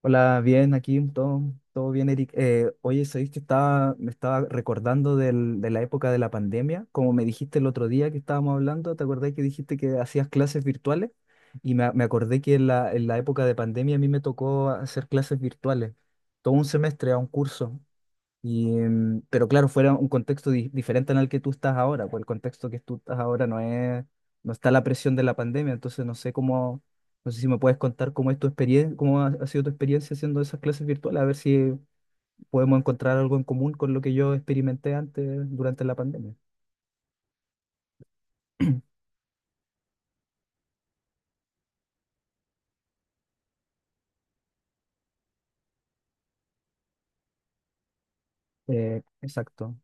Hola, bien, aquí todo, todo bien, Eric. Oye, sabéis que me estaba recordando de la época de la pandemia, como me dijiste el otro día que estábamos hablando, ¿te acordás que dijiste que hacías clases virtuales? Y me acordé que en en la época de pandemia a mí me tocó hacer clases virtuales, todo un semestre a un curso. Y, pero claro, fuera un contexto diferente al que tú estás ahora, pues el contexto que tú estás ahora no está la presión de la pandemia, entonces no sé cómo, no sé si me puedes contar cómo es tu experiencia, cómo ha sido tu experiencia haciendo esas clases virtuales, a ver si podemos encontrar algo en común con lo que yo experimenté antes durante la pandemia. Exacto,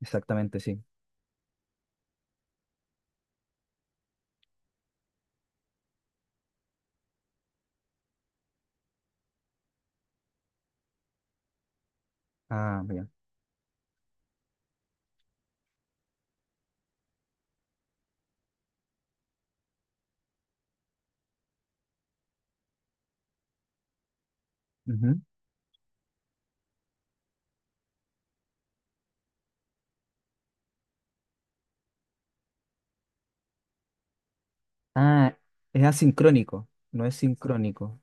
exactamente, sí. Ah, bien. Ujú. Ah, es asincrónico, no es sincrónico,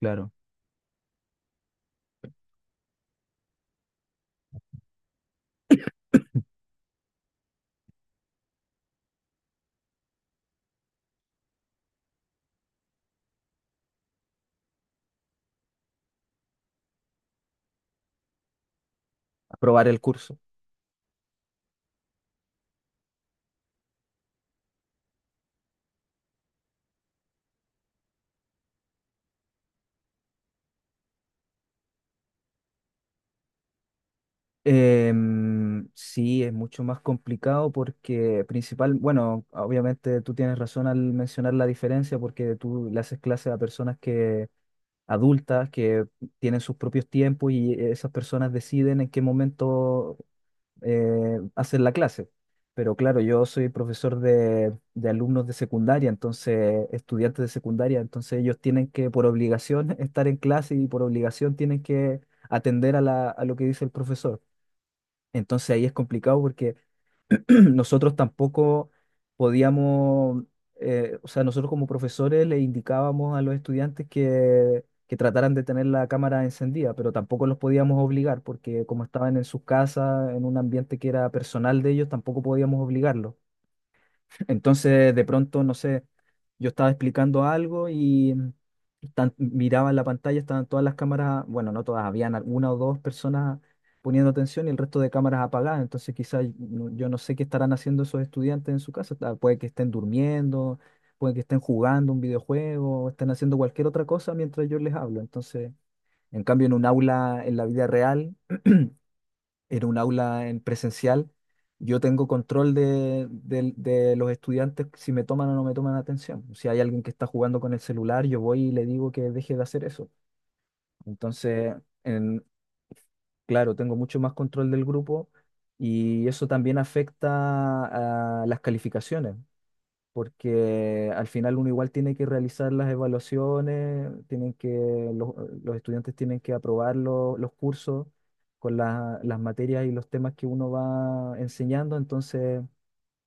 claro. Aprobar el curso. Sí, es mucho más complicado porque principal, bueno, obviamente tú tienes razón al mencionar la diferencia porque tú le haces clases a personas que adultas que tienen sus propios tiempos y esas personas deciden en qué momento hacer la clase. Pero claro, yo soy profesor de alumnos de secundaria, entonces estudiantes de secundaria, entonces ellos tienen que por obligación estar en clase y por obligación tienen que atender a a lo que dice el profesor. Entonces ahí es complicado porque nosotros tampoco podíamos, o sea, nosotros como profesores le indicábamos a los estudiantes que trataran de tener la cámara encendida, pero tampoco los podíamos obligar porque como estaban en sus casas, en un ambiente que era personal de ellos, tampoco podíamos obligarlos. Entonces, de pronto, no sé, yo estaba explicando algo y miraba en la pantalla, estaban todas las cámaras, bueno, no todas, habían una o dos personas poniendo atención y el resto de cámaras apagadas. Entonces, quizás no- yo no sé qué estarán haciendo esos estudiantes en su casa. Puede que estén durmiendo, puede que estén jugando un videojuego, o estén haciendo cualquier otra cosa mientras yo les hablo. Entonces, en cambio, en un aula, en la vida real en un aula en presencial, yo tengo control de los estudiantes si me toman o no me toman atención. Si hay alguien que está jugando con el celular, yo voy y le digo que deje de hacer eso. Entonces, en, claro, tengo mucho más control del grupo y eso también afecta a las calificaciones porque al final uno igual tiene que realizar las evaluaciones, tienen que, los, los estudiantes tienen que aprobar los cursos con las materias y los temas que uno va enseñando, entonces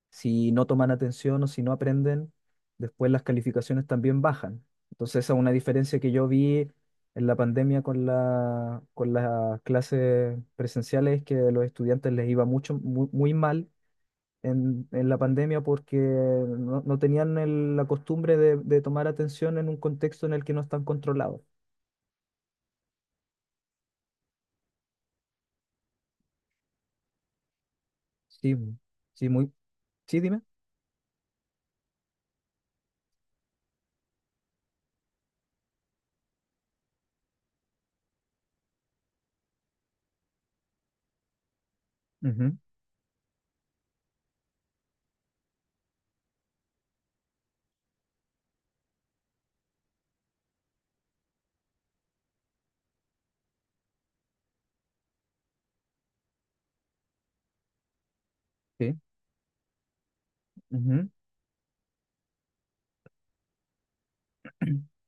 si no toman atención o si no aprenden, después las calificaciones también bajan. Entonces esa es una diferencia que yo vi en la pandemia con con las clases presenciales, que a los estudiantes les iba muy mal en la pandemia porque no tenían la costumbre de tomar atención en un contexto en el que no están controlados. Sí, sí, muy, sí, dime. Ujú, sí, ujú.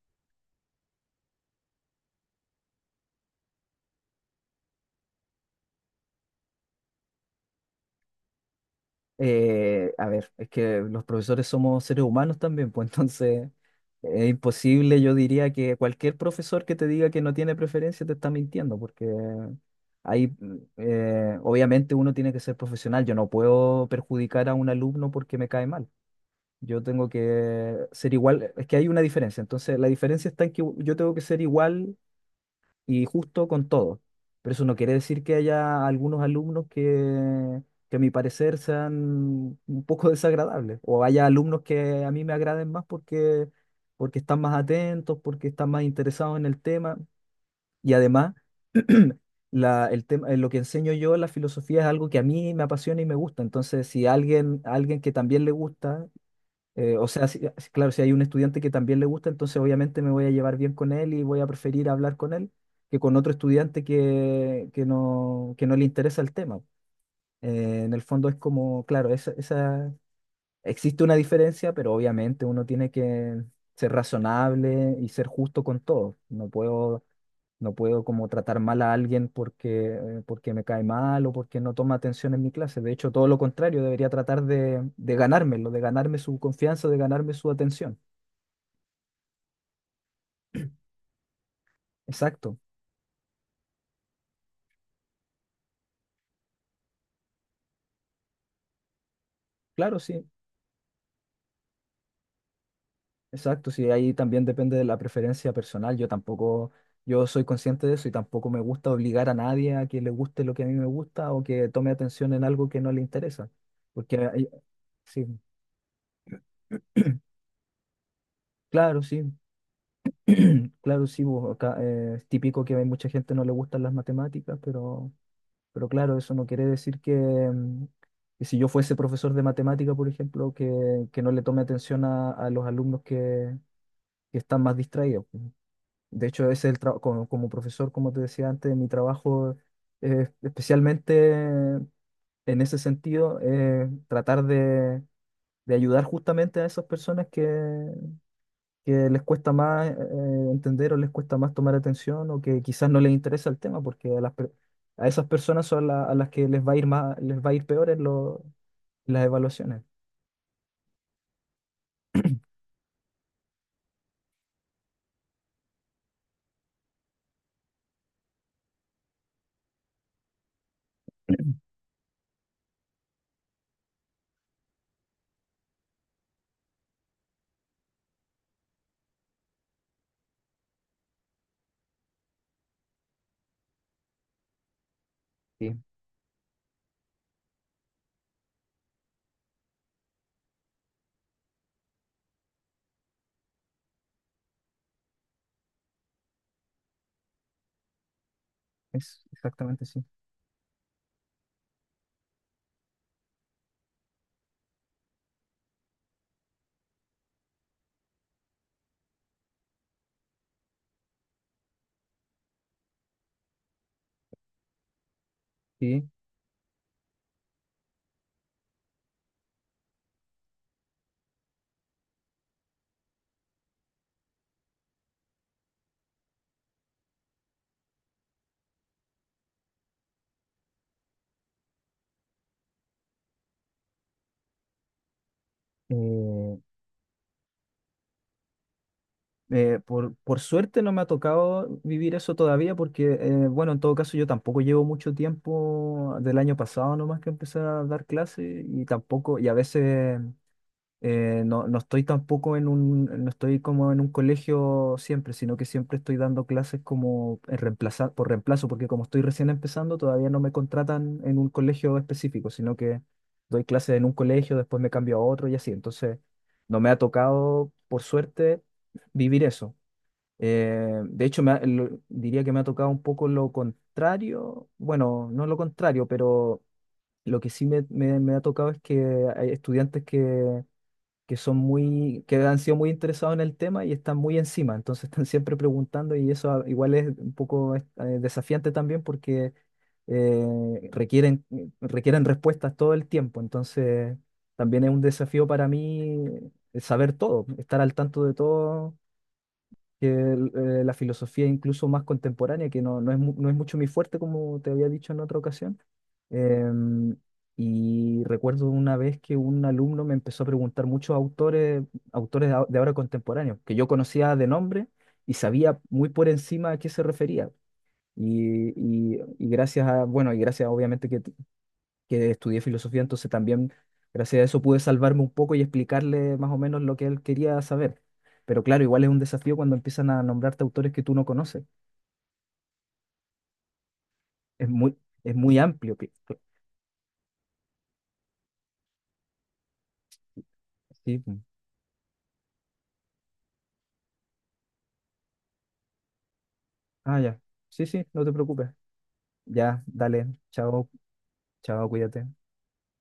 A ver, es que los profesores somos seres humanos también, pues entonces es imposible, yo diría que cualquier profesor que te diga que no tiene preferencia te está mintiendo, porque obviamente uno tiene que ser profesional, yo no puedo perjudicar a un alumno porque me cae mal. Yo tengo que ser igual, es que hay una diferencia. Entonces, la diferencia está en que yo tengo que ser igual y justo con todos. Pero eso no quiere decir que haya algunos alumnos que a mi parecer sean un poco desagradables. O haya alumnos que a mí me agraden más porque, porque están más atentos, porque están más interesados en el tema. Y además, el tema, lo que enseño yo, la filosofía es algo que a mí me apasiona y me gusta. Entonces, si alguien, alguien que también le gusta o sea, claro, si hay un estudiante que también le gusta, entonces obviamente me voy a llevar bien con él y voy a preferir hablar con él que con otro estudiante que no le interesa el tema. En el fondo es como, claro, esa, existe una diferencia, pero obviamente uno tiene que ser razonable y ser justo con todo. No puedo como tratar mal a alguien porque, porque me cae mal o porque no toma atención en mi clase. De hecho, todo lo contrario, debería tratar de ganármelo, de ganarme su confianza, de ganarme su atención. Exacto, claro, sí, exacto, sí, ahí también depende de la preferencia personal. Yo tampoco, yo soy consciente de eso y tampoco me gusta obligar a nadie a que le guste lo que a mí me gusta o que tome atención en algo que no le interesa. Porque, sí, claro, sí. Claro, sí, bo, acá es típico que hay mucha gente no le gustan las matemáticas, pero claro, eso no quiere decir que si yo fuese profesor de matemática, por ejemplo, que no le tome atención a los alumnos que están más distraídos. Pues. De hecho, ese es el trabajo como, como profesor, como te decía antes, mi trabajo especialmente en ese sentido, tratar de ayudar justamente a esas personas que les cuesta más entender o les cuesta más tomar atención o que quizás no les interesa el tema, porque a esas personas son a las que les va a ir les va a ir peor en las evaluaciones. Sí, es exactamente sí. Sí. Eh, por suerte no me ha tocado vivir eso todavía porque, bueno, en todo caso yo tampoco llevo mucho tiempo del año pasado nomás que empecé a dar clases y tampoco, y a veces no estoy tampoco en un, no estoy como en un colegio siempre, sino que siempre estoy dando clases como en reemplazar, por reemplazo, porque como estoy recién empezando, todavía no me contratan en un colegio específico, sino que doy clases en un colegio, después me cambio a otro y así. Entonces, no me ha tocado, por suerte, vivir eso. De hecho, diría que me ha tocado un poco lo contrario, bueno, no lo contrario, pero lo que sí me ha tocado es que hay estudiantes que son muy, que han sido muy interesados en el tema y están muy encima, entonces están siempre preguntando y eso ah, igual es un poco desafiante también porque requieren, requieren respuestas todo el tiempo, entonces también es un desafío para mí saber todo, estar al tanto de todo que la filosofía incluso más contemporánea, que no es, no es mucho mi fuerte, como te había dicho en otra ocasión. Em, y recuerdo una vez que un alumno me empezó a preguntar muchos autores, autores de ahora contemporáneos, que yo conocía de nombre y sabía muy por encima a qué se refería. Y gracias a, bueno, y gracias obviamente que estudié filosofía, entonces también gracias a eso pude salvarme un poco y explicarle más o menos lo que él quería saber. Pero claro, igual es un desafío cuando empiezan a nombrarte autores que tú no conoces. Es muy, es muy amplio. Sí. Mm. Ah, ya. Sí, sí, no te preocupes. Ya, dale. Chao, chao, cuídate.